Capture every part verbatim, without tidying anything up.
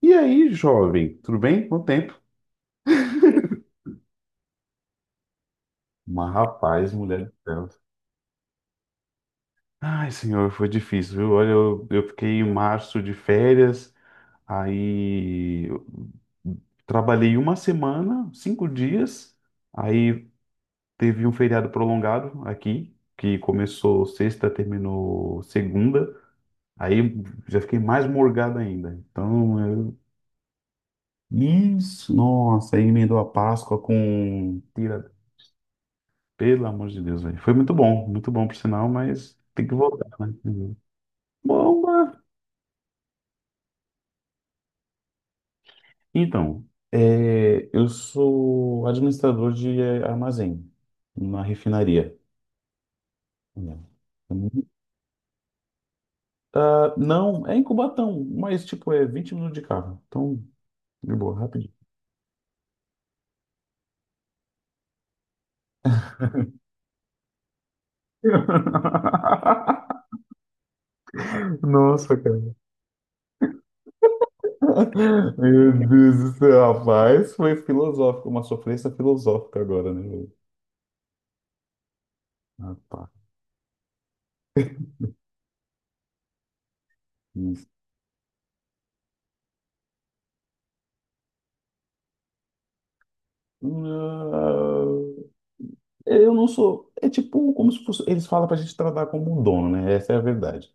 E aí, jovem, tudo bem? Quanto tempo? Mas, rapaz, mulher do céu. Ai, senhor, foi difícil, viu? Olha, eu, eu fiquei em março de férias, aí eu trabalhei uma semana, cinco dias, aí teve um feriado prolongado aqui, que começou sexta, terminou segunda, aí já fiquei mais morgado ainda. Então, eu... Isso. Nossa, aí emendou a Páscoa com... Pelo amor de Deus, velho. Foi muito bom, muito bom por sinal, mas tem que voltar, né? Uhum. Bom, então, é, eu sou administrador de eh, armazém na refinaria. Não. Ah, não, é em Cubatão, mas tipo, é vinte minutos de carro. Então, de boa, rapidinho. Nossa, cara. Meu Deus do céu, rapaz, foi filosófico, uma sofrência filosófica agora, né, velho? Rapaz. Ah, eu não sou. É tipo como se fosse. Eles falam pra gente tratar como um dono, né? Essa é a verdade.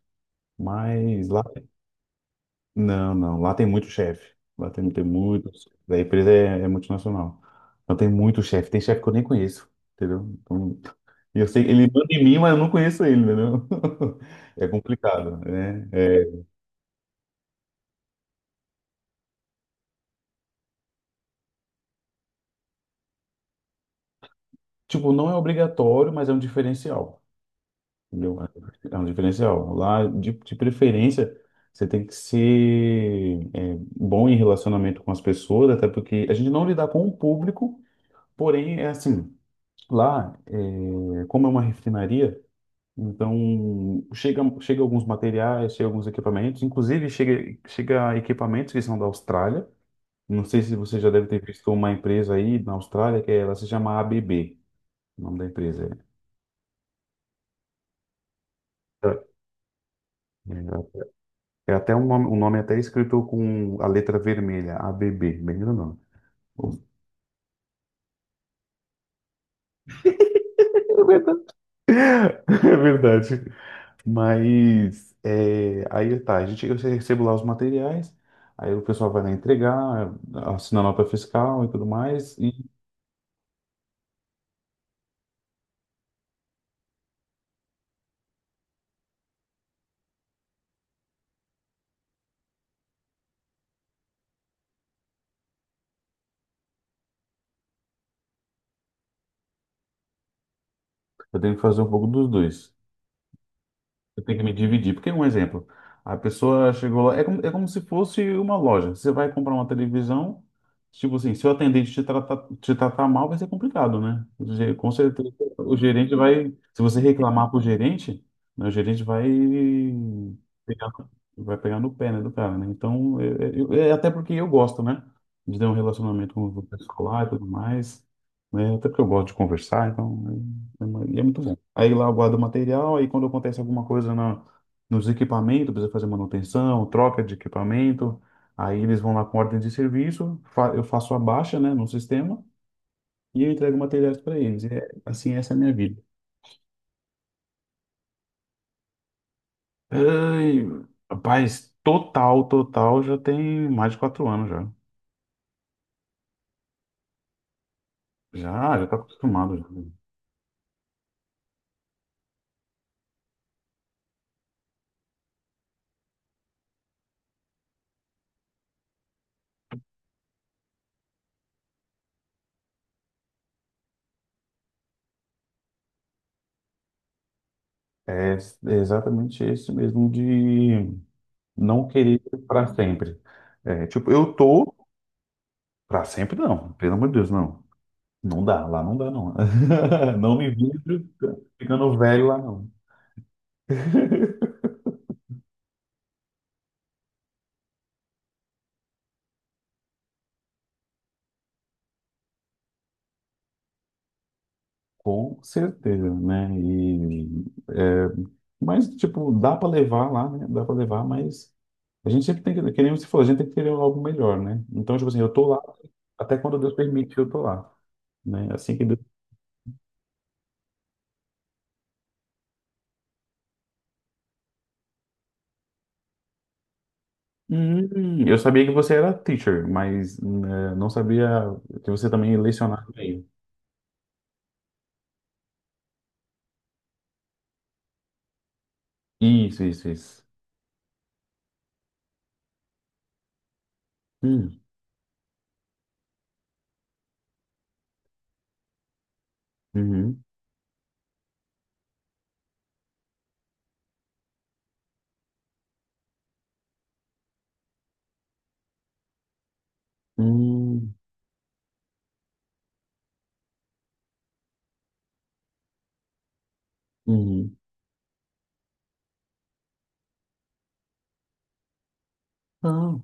Mas lá. Não, não. Lá tem muito chefe. Lá tem, tem muito. A empresa é, é multinacional. Então tem muito chefe. Tem chefe que eu nem conheço. Entendeu? Então, e eu sei ele manda em mim, mas eu não conheço ele, entendeu? É complicado, né? É, tipo, não é obrigatório, mas é um diferencial. Entendeu? É é um diferencial. Lá, de, de preferência, você tem que ser é, bom em relacionamento com as pessoas, até porque a gente não lidar com o público, porém, é assim, lá, é, como é uma refinaria, então chega, chega alguns materiais, chega alguns equipamentos, inclusive chega, chega equipamentos que são da Austrália. Não sei se você já deve ter visto uma empresa aí na Austrália, que é, ela se chama a B B, o nome da empresa. É, É, É até um nome, um nome até escrito com a letra vermelha, A B B, bem grandão. É verdade. É verdade. Mas é, aí tá, a gente eu recebo lá os materiais, aí o pessoal vai lá entregar, assina a nota fiscal e tudo mais, e eu tenho que fazer um pouco dos dois. Eu tenho que me dividir. Porque, um exemplo, a pessoa chegou lá, é como, é como se fosse uma loja. Você vai comprar uma televisão, tipo assim, se o atendente te tratar, te tratar mal, vai ser complicado, né? O ge- Com certeza, o gerente vai. Se você reclamar pro gerente, né, o gerente vai pegar, vai pegar no pé, né, do cara, né? Então, é, é- é até porque eu gosto, né? De ter um relacionamento com o pessoal lá e tudo mais. Né? Até porque eu gosto de conversar, então, né? E é muito bom. Aí lá eu guardo o material, aí quando acontece alguma coisa na, nos equipamentos, precisa fazer manutenção, troca de equipamento, aí eles vão lá com ordem de serviço, fa- eu faço a baixa, né, no sistema e eu entrego materiais para eles. E é, assim, essa é a minha vida. Ai, rapaz, total, total, já tem mais de quatro anos já. Já, já tá acostumado, já. É, é exatamente esse mesmo de não querer para sempre. É, tipo, eu tô... Pra sempre não, pelo amor de Deus, não. Não dá, lá não dá, não. Não me vejo ficando velho lá, não. Com certeza, né? E, é, mas, tipo, dá para levar lá, né? Dá para levar, mas a gente sempre tem que, que nem você falou, a gente tem que querer algo melhor, né? Então, tipo assim, eu tô lá até quando Deus permite, eu tô lá, né? Assim que Deus... Hum, eu sabia que você era teacher, mas né, não sabia que você também lecionava bem. Isso, isso, isso. Hum, uhum. Hum, uhum. Ah,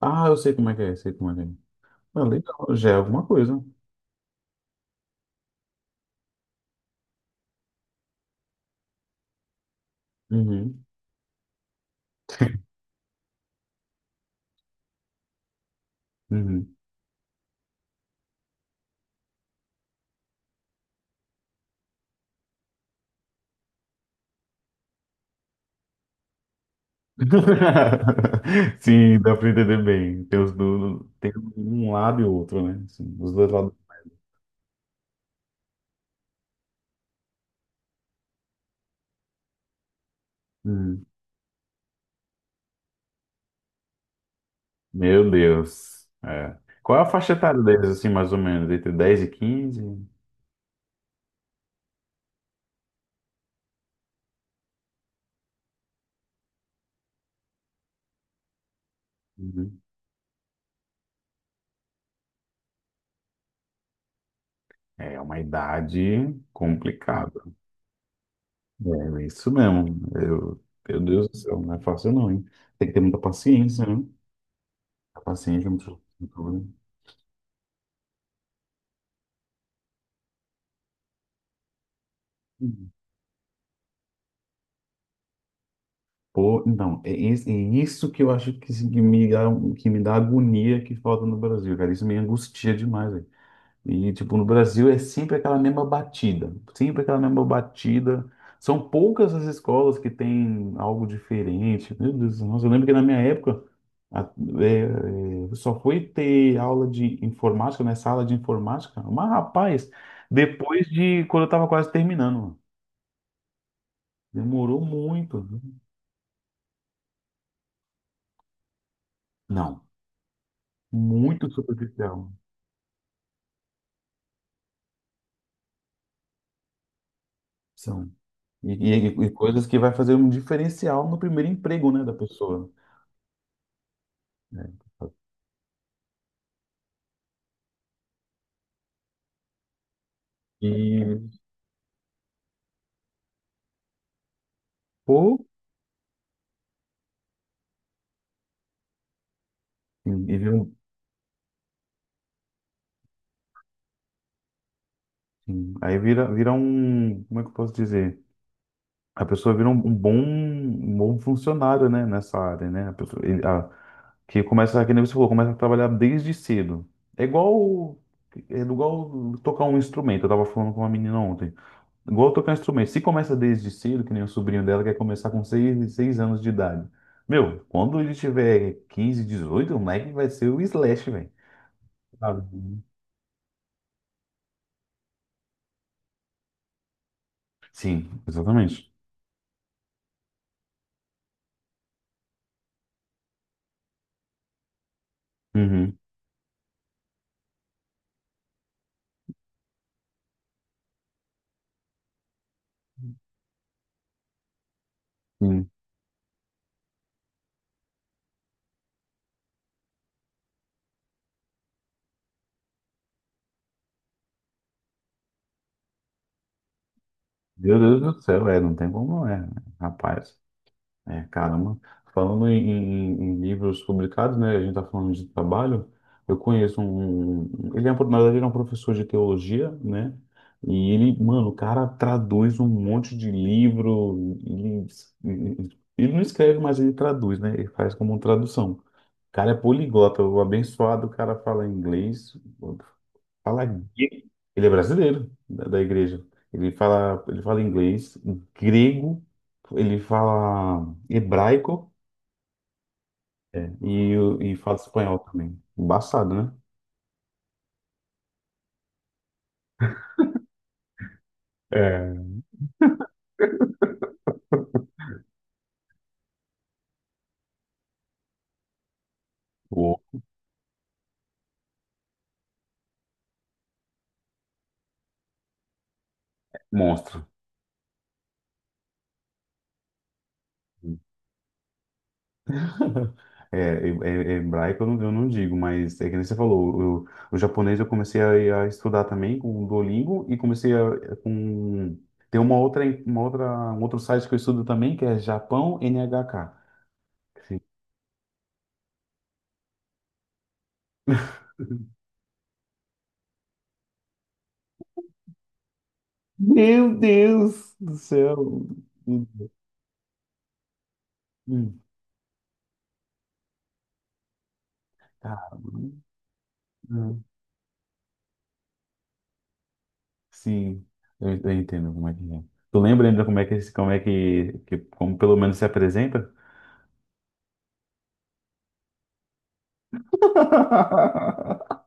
ah, eu sei como é que é, sei como é que é. Ah, legal, já é alguma coisa. Uhum, uhum. Sim, dá pra entender bem. Tem os do, tem um lado e outro, né? Assim, os dois lados. Uhum. Meu Deus. É. Qual é a faixa etária deles, assim, mais ou menos? Entre dez e quinze. Uhum. É uma idade complicada. É é isso mesmo. Eu, meu Deus do céu, não é fácil não, hein? Tem que ter muita paciência, né? A paciente, muito, muito- pô, então, é, is- é isso que eu acho que, se- que me dá, que me dá agonia que falta no Brasil, cara. Isso me angustia demais, velho. E, tipo, no Brasil é sempre aquela mesma batida, sempre aquela mesma batida. São poucas as escolas que têm algo diferente. Meu Deus, nossa, eu lembro que na minha época a- é, é, só foi ter aula de informática, né? Sala de informática. Mas, rapaz, depois de quando eu tava quase terminando, mano. Demorou muito. Não. Muito superficial. São. E, e- e coisas que vai fazer um diferencial no primeiro emprego, né, da pessoa. Né? E, pô, sim, e vira, um- sim, aí vira, vira um, como é que eu posso dizer? A pessoa vira um, um bom, um bom funcionário, né, nessa área, né? A pessoa, ele- a- que começa, que nem você falou, começa a trabalhar desde cedo. É igual, é igual tocar um instrumento. Eu tava falando com uma menina ontem. Igual tocar instrumento. Se começa desde cedo, que nem o sobrinho dela quer começar com seis seis anos de idade. Meu, quando ele tiver quinze dezoito o moleque vai ser o Slash, velho. Sabe? Sim, exatamente. Uhum, sim. Meu Deus do céu, é, não tem como não é, né, rapaz? É, caramba. Falando em, em- em livros publicados, né? A gente está falando de trabalho. Eu conheço um. um, Ele é, um- na verdade, ele é um professor de teologia, né? E ele, mano, o cara traduz um monte de livro. Ele, ele não escreve, mas ele traduz, né? Ele faz como tradução. O cara é poliglota, o abençoado, o cara fala inglês, fala grego. Ele é brasileiro da, da igreja. Ele fala, ele fala inglês, grego, ele fala hebraico e, e fala espanhol também. Embaçado, né? É, o monstro. É, é- é hebraico eu não, eu não digo, mas é que nem você falou, eu- o japonês eu comecei a, a estudar também com o Duolingo e comecei a, com... Tem uma outra, uma outra, um outro site que eu estudo também, que é Japão N H K. Sim. Meu Deus do céu. Hum, Caramba. Hum, Sim, eu, eu entendo como é que é. Tu lembra ainda como é que, esse- como é que, que- como pelo menos se apresenta?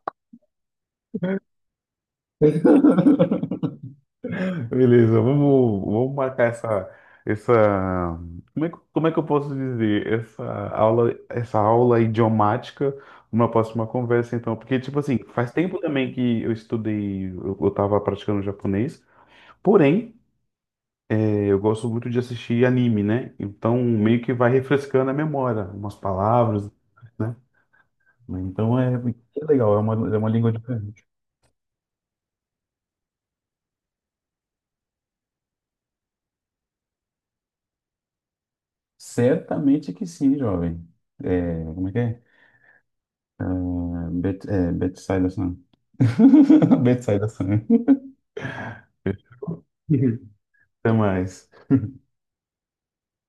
Beleza, vamos, vamos marcar essa, essa, como é, que- como é que eu posso dizer? Essa aula, essa aula idiomática numa próxima conversa, então. Porque, tipo assim, faz tempo também que eu estudei, eu, eu tava praticando japonês, porém, eu gosto muito de assistir anime, né? Então meio que vai refrescando a memória, umas palavras, né? Então é, é legal, é uma, é uma língua diferente. Certamente que sim, jovem. É, como é que é? É, Bet, é Betsaida-san. Betsaida-san. Até mais.